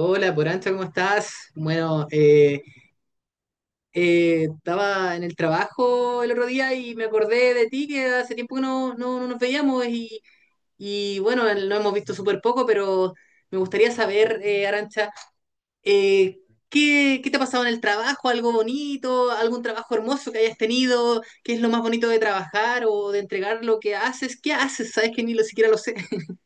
Hola, Porancha, ¿cómo estás? Bueno, Estaba en el trabajo el otro día y me acordé de ti, que hace tiempo que no nos veíamos y bueno, lo hemos visto súper poco, pero me gustaría saber, Arancha, eh, ¿qué te ha pasado en el trabajo? ¿Algo bonito? ¿Algún trabajo hermoso que hayas tenido? ¿Qué es lo más bonito de trabajar o de entregar lo que haces? ¿Qué haces? Sabes que ni lo siquiera lo sé.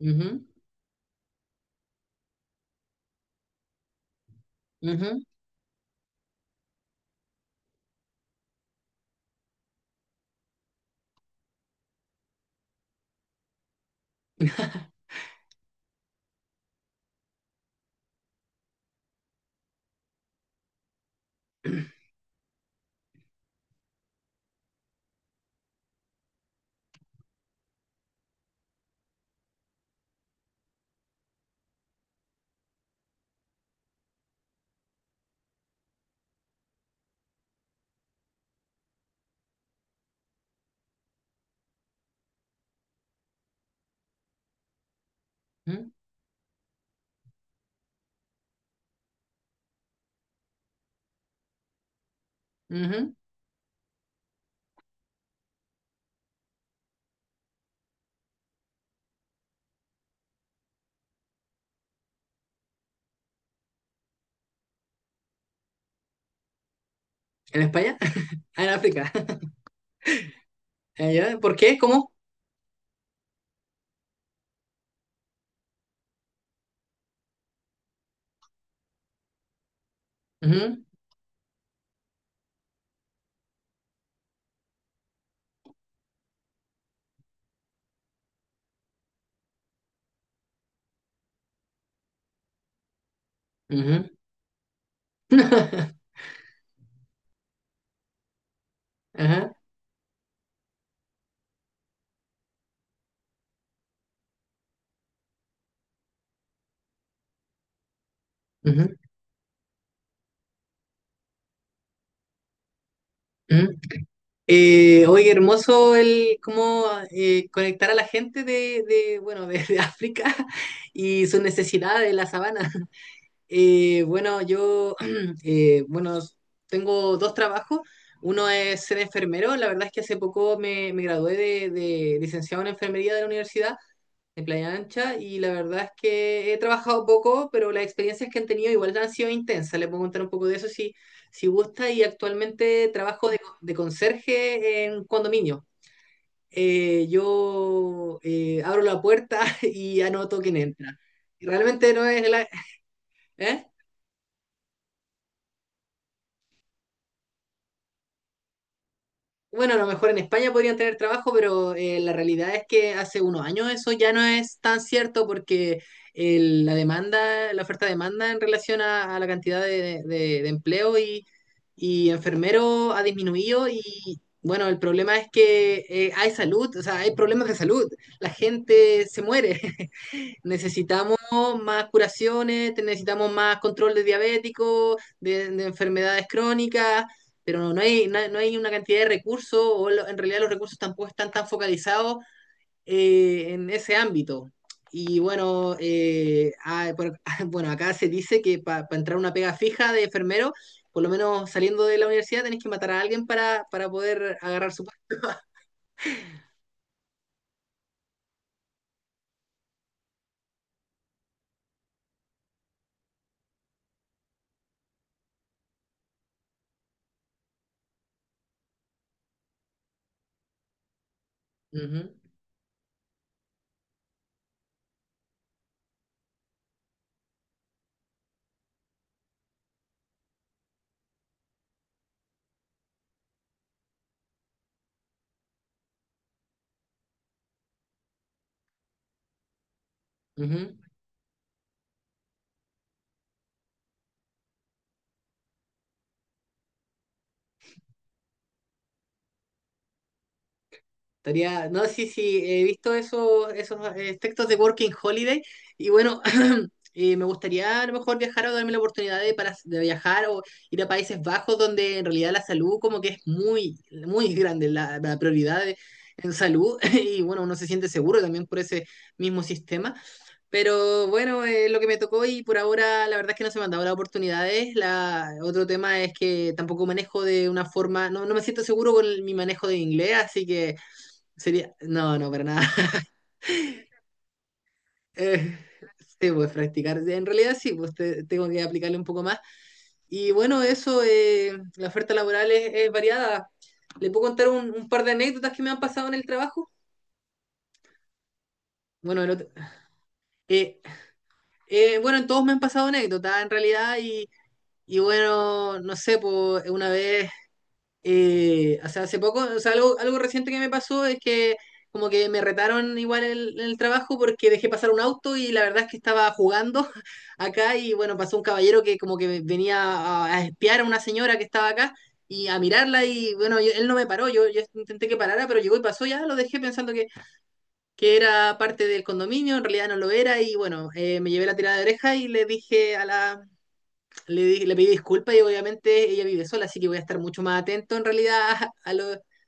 Ujú, ujú, ujú, ujú. ¿En España? Ah, en África. Ah, ¿ya? ¿Por qué? ¿Cómo? Ujú, ujú. Ajá, ujú, ujú. Oye, hermoso el cómo conectar a la gente de África y sus necesidades de la sabana. Bueno, yo, eh, bueno, tengo dos trabajos. Uno es ser enfermero. La verdad es que hace poco me gradué de licenciado en enfermería de la universidad de playa ancha, y la verdad es que he trabajado poco, pero las experiencias que han tenido igual han sido intensas. Le puedo contar un poco de eso si si gusta, y actualmente trabajo de conserje en condominio. Yo abro la puerta y anoto quién entra. Y realmente no es ¿eh? Bueno, a lo mejor en España podrían tener trabajo, pero la realidad es que hace unos años eso ya no es tan cierto porque la demanda, la oferta-demanda en relación a la cantidad de empleo y enfermeros ha disminuido, y bueno, el problema es que hay salud, o sea, hay problemas de salud, la gente se muere. Necesitamos más curaciones, necesitamos más control de diabéticos, de enfermedades crónicas, pero no hay una cantidad de recursos, o en realidad los recursos tampoco están tan focalizados en ese ámbito. Y bueno, bueno, acá se dice que para entrar a una pega fija de enfermero, por lo menos saliendo de la universidad, tenés que matar a alguien para poder agarrar su puesto. Ujú, ujú. Estaría, no, sí, sí, he visto esos, esos textos de Working Holiday, y bueno, me gustaría a lo mejor viajar o darme la oportunidad de viajar o ir a Países Bajos, donde en realidad la salud como que es muy, muy grande, la prioridad en salud y bueno, uno se siente seguro también por ese mismo sistema. Pero bueno, lo que me tocó, y por ahora la verdad es que no se me han dado las oportunidades. La, otro tema es que tampoco manejo de una forma, no me siento seguro con mi manejo de inglés, así que... Sería, no, no, para nada. Eh, sí, pues practicar. En realidad sí, pues tengo que aplicarle un poco más. Y bueno, eso, la oferta laboral es variada. ¿Le puedo contar un par de anécdotas que me han pasado en el trabajo? Bueno, eh, bueno, en todos me han pasado anécdotas, en realidad, y bueno, no sé, pues una vez hace poco, o sea, algo reciente que me pasó es que como que me retaron igual en en el trabajo porque dejé pasar un auto, y la verdad es que estaba jugando acá, y bueno, pasó un caballero que como que venía a espiar a una señora que estaba acá y a mirarla, y bueno, él no me paró, yo intenté que parara, pero llegó y pasó, ya lo dejé pensando que era parte del condominio, en realidad no lo era, y bueno, me llevé la tirada de oreja y le dije a la, le pedí disculpas, y obviamente ella vive sola, así que voy a estar mucho más atento en realidad a, a lo, a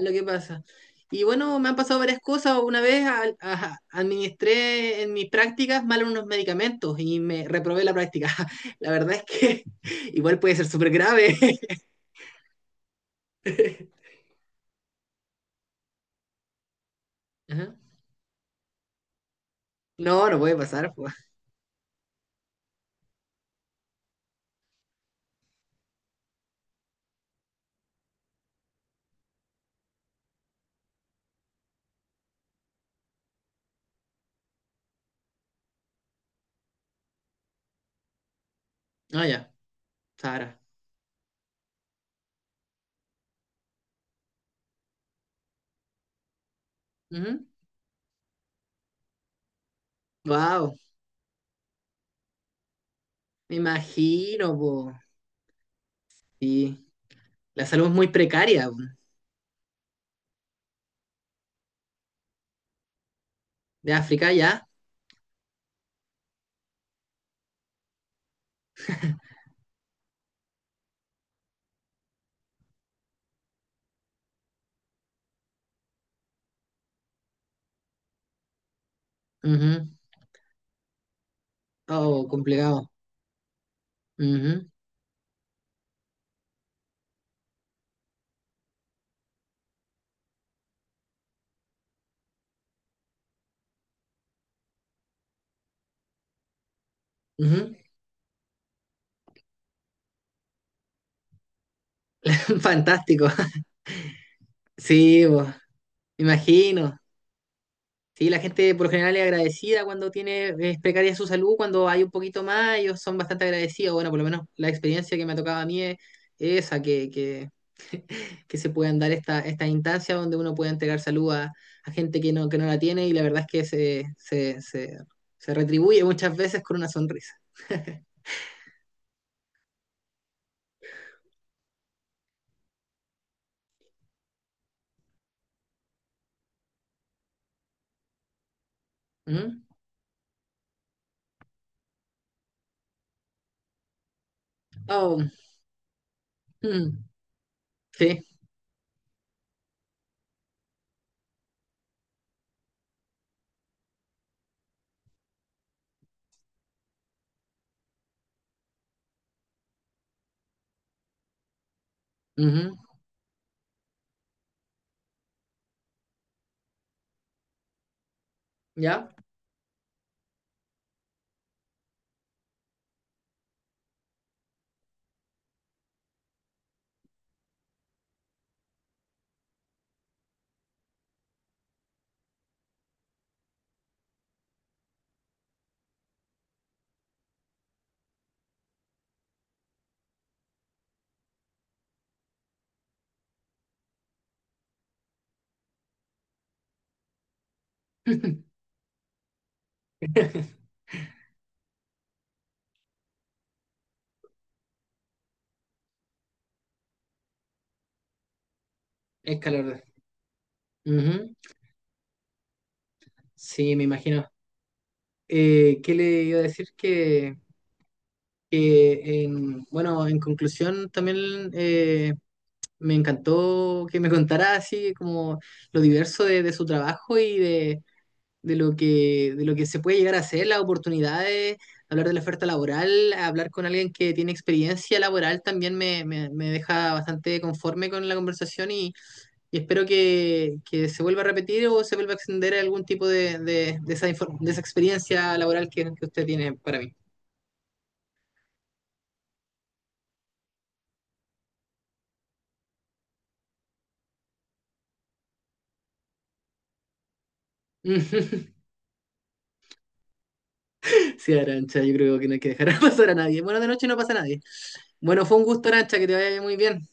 lo que pasa. Y bueno, me han pasado varias cosas. Una vez administré en mis prácticas mal unos medicamentos y me reprobé la práctica. La verdad es que igual puede ser súper grave. Ajá. No, no puede pasar, pues. Ah, ya, Sara. Wow, me imagino, po. Sí, la salud es muy precaria po. De África ya. Ujú. Oh, complicado. Ujú. Ujú. Fantástico. Sí, pues, imagino. Sí, la gente por lo general es agradecida; cuando tiene, es precaria su salud, cuando hay un poquito más, ellos son bastante agradecidos. Bueno, por lo menos la experiencia que me ha tocado a mí es esa, que, que se puedan dar esta, esta instancia donde uno puede entregar salud a gente que no la tiene, y la verdad es que se retribuye muchas veces con una sonrisa. ¿Mm? Oh, mm, sí, ujú, ¿ya? Es calor. Sí, me imagino. ¿Qué le iba a decir? Que en, bueno, en conclusión también me encantó que me contara así como lo diverso de su trabajo y de lo que se puede llegar a hacer, las oportunidades, hablar de la oferta laboral, hablar con alguien que tiene experiencia laboral también me deja bastante conforme con la conversación, y espero que se vuelva a repetir o se vuelva a extender algún tipo de esa, de esa experiencia laboral que usted tiene para mí. Sí, Arancha, yo creo que no hay que dejar pasar a nadie. Bueno, de noche no pasa a nadie. Bueno, fue un gusto, Arancha, que te vaya muy bien.